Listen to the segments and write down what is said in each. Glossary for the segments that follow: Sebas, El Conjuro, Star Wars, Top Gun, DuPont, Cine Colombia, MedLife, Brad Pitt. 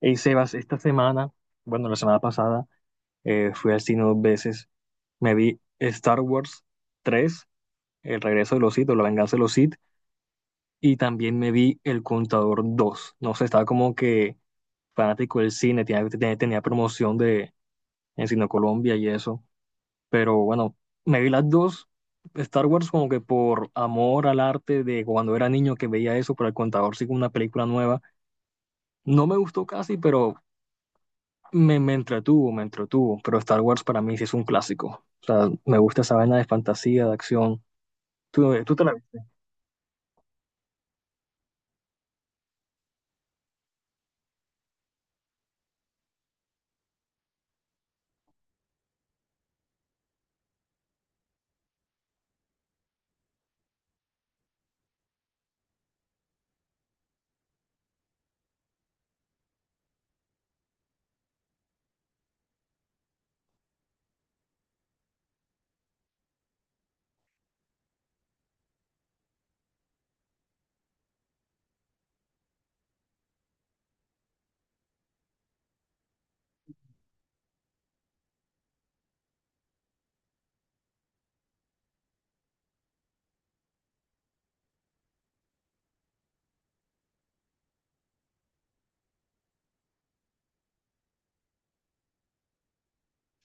Hey Sebas, esta semana, bueno, la semana pasada, fui al cine dos veces. Me vi Star Wars 3, El regreso de los Sith o La venganza de los Sith, y también me vi El Contador 2. No sé, estaba como que fanático del cine, tenía promoción de, en Cine Colombia y eso. Pero bueno, me vi las dos. Star Wars como que por amor al arte de cuando era niño que veía eso, pero El Contador sí como una película nueva. No me gustó casi, pero Me entretuvo, pero Star Wars para mí sí es un clásico. O sea, me gusta esa vaina de fantasía, de acción. ¿Tú te la viste?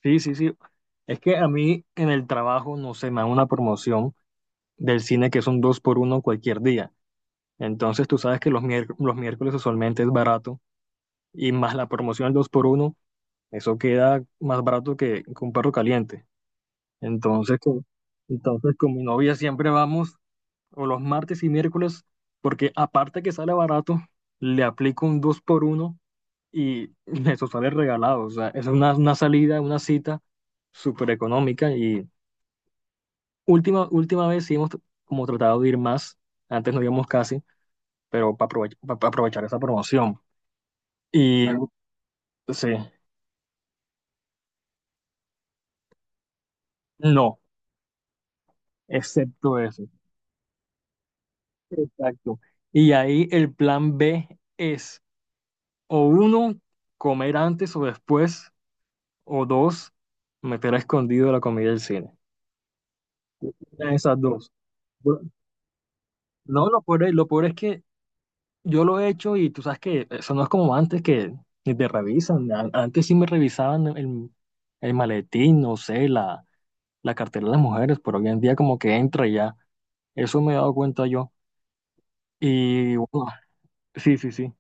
Sí, sí, sí. Es que a mí en el trabajo, no sé, me dan una promoción del cine que son dos por uno cualquier día. Entonces tú sabes que los miércoles usualmente es barato y más la promoción del dos por uno, eso queda más barato que un perro caliente. Entonces con, entonces con mi novia siempre vamos o los martes y miércoles, porque aparte que sale barato, le aplico un 2 por uno y eso sale regalado. O sea, es una salida, una cita súper económica y última vez sí hemos como tratado de ir más, antes no íbamos casi, pero para aprovechar esa promoción. Y claro. Sí, no, excepto eso. Exacto. Y ahí el plan B es, o uno, comer antes o después, o dos, meter a escondido la comida del cine. Eran esas dos. Bu- No, lo peor es que yo lo he hecho y tú sabes que eso no es como antes que ni te revisan. Antes sí me revisaban el maletín, no sé, la cartera de las mujeres, pero hoy en día como que entra y ya. Eso me he dado cuenta yo. Y bueno, sí, sí, sí.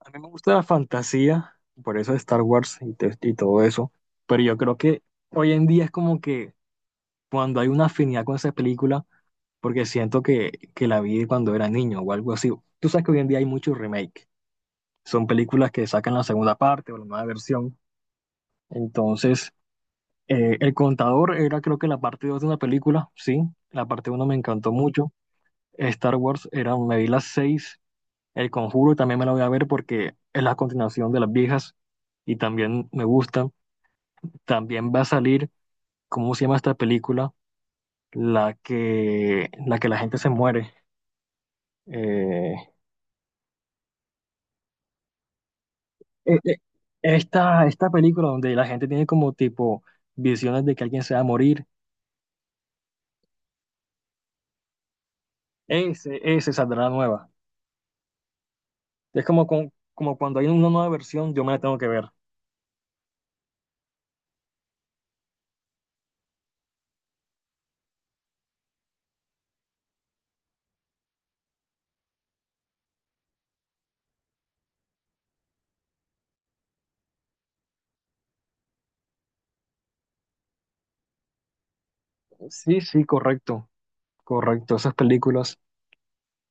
A mí me gusta la fantasía, por eso Star Wars y todo eso. Pero yo creo que hoy en día es como que cuando hay una afinidad con esa película, porque siento que la vi cuando era niño o algo así. Tú sabes que hoy en día hay muchos remake. Son películas que sacan la segunda parte o la nueva versión. Entonces, El Contador era creo que la parte 2 de una película, sí. La parte uno me encantó mucho. Star Wars era, me vi las seis. El Conjuro también me la voy a ver porque es la continuación de las viejas y también me gusta. También va a salir, ¿cómo se llama esta película? La que la gente se muere. Eh, Eh, eh, esta película donde la gente tiene como tipo visiones de que alguien se va a morir, ese saldrá nueva. Es como cuando hay una nueva versión, yo me la tengo que ver. Sí, sí, correcto, correcto. Esas películas,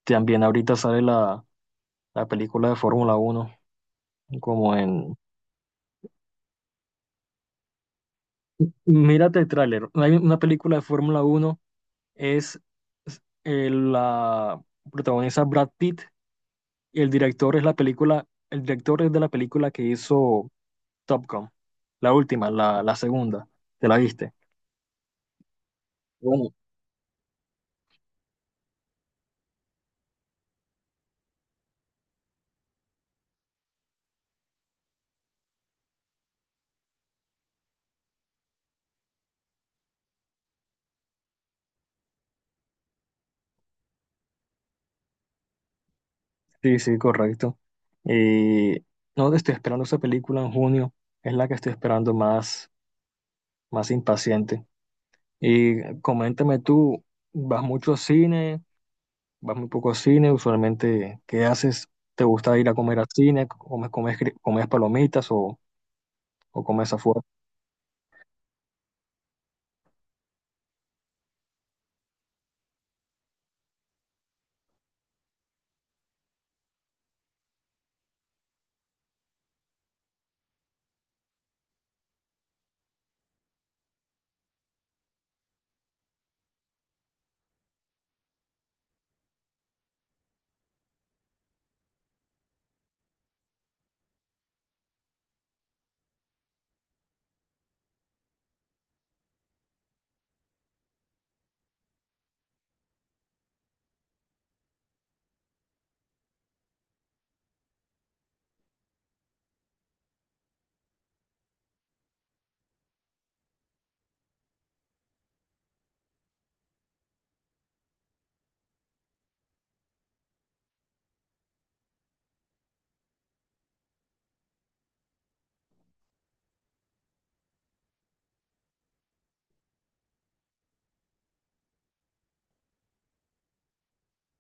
también ahorita sale la película de Fórmula uno como en... Mírate el tráiler, hay una película de Fórmula uno, es la protagonista Brad Pitt, y el director es la película, el director es de la película que hizo... Top Gun. La última, la segunda. ¿Te la viste? Bueno, sí, sí, correcto. Eh, no estoy esperando esa película en junio, es la que estoy esperando más impaciente. Y coméntame tú, ¿vas mucho al cine? ¿Vas muy poco al cine? Usualmente, ¿qué haces? ¿Te gusta ir a comer al cine? ¿Comes palomitas o comes afuera?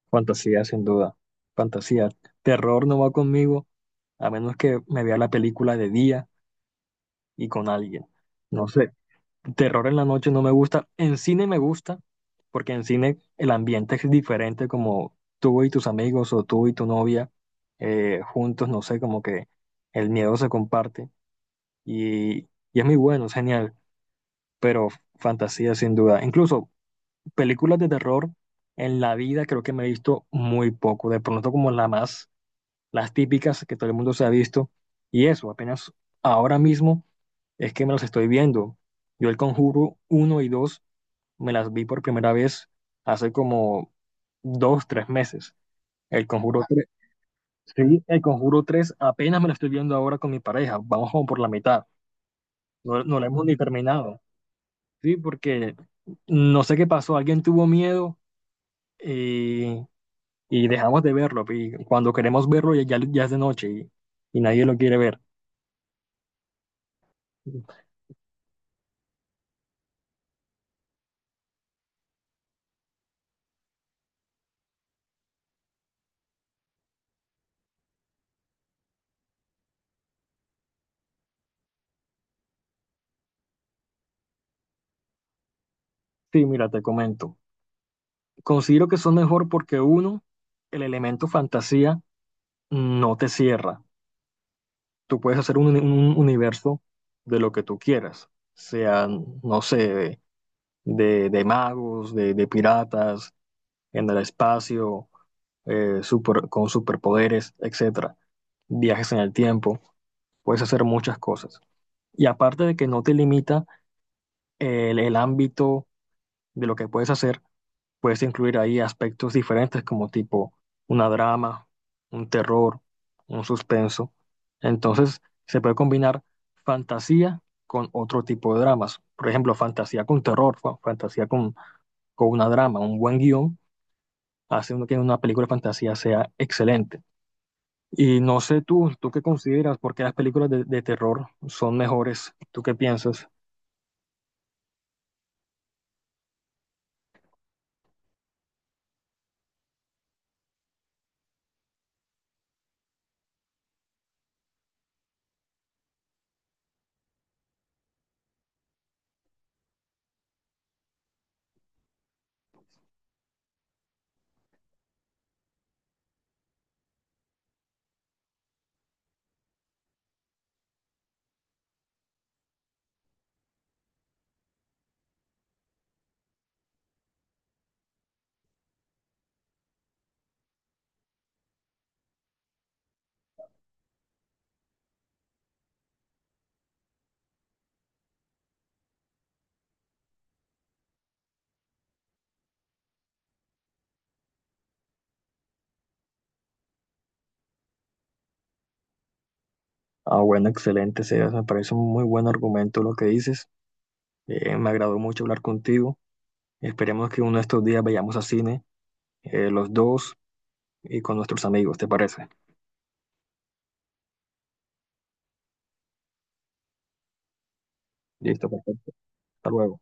Fantasía, sin duda. Fantasía. Terror no va conmigo, a menos que me vea la película de día y con alguien. No sé, terror en la noche no me gusta. En cine me gusta, porque en cine el ambiente es diferente, como tú y tus amigos o tú y tu novia, juntos, no sé, como que el miedo se comparte y, y es muy bueno, es genial, pero fantasía sin duda. Incluso películas de terror en la vida creo que me he visto muy poco, de pronto como las típicas que todo el mundo se ha visto y eso, apenas ahora mismo. Es que me los estoy viendo. Yo el Conjuro uno y 2 me las vi por primera vez hace como 2, 3 meses. El Conjuro tres, sí, el Conjuro 3 apenas me lo estoy viendo ahora con mi pareja. Vamos como por la mitad. No, no lo hemos ni terminado. Sí, porque no sé qué pasó. Alguien tuvo miedo, eh, y dejamos de verlo. Y cuando queremos verlo ya, ya es de noche y nadie lo quiere ver. Sí, mira, te comento. Considero que son mejor porque uno, el elemento fantasía no te cierra. Tú puedes hacer un universo de lo que tú quieras, sean, no sé, de magos, de piratas, en el espacio, con superpoderes, etcétera. Viajes en el tiempo, puedes hacer muchas cosas. Y aparte de que no te limita el ámbito de lo que puedes hacer, puedes incluir ahí aspectos diferentes como tipo una drama, un terror, un suspenso. Entonces, se puede combinar fantasía con otro tipo de dramas. Por ejemplo, fantasía con terror, fantasía con una drama, un buen guión hace uno que una película de fantasía sea excelente. Y no sé tú, ¿tú qué consideras? ¿Por qué las películas de terror son mejores? ¿Tú qué piensas? Ah, bueno, excelente, Sebas. Me parece un muy buen argumento lo que dices. Me agradó mucho hablar contigo. Esperemos que uno de estos días vayamos a cine, los dos y con nuestros amigos, ¿te parece? Listo, perfecto. Hasta luego.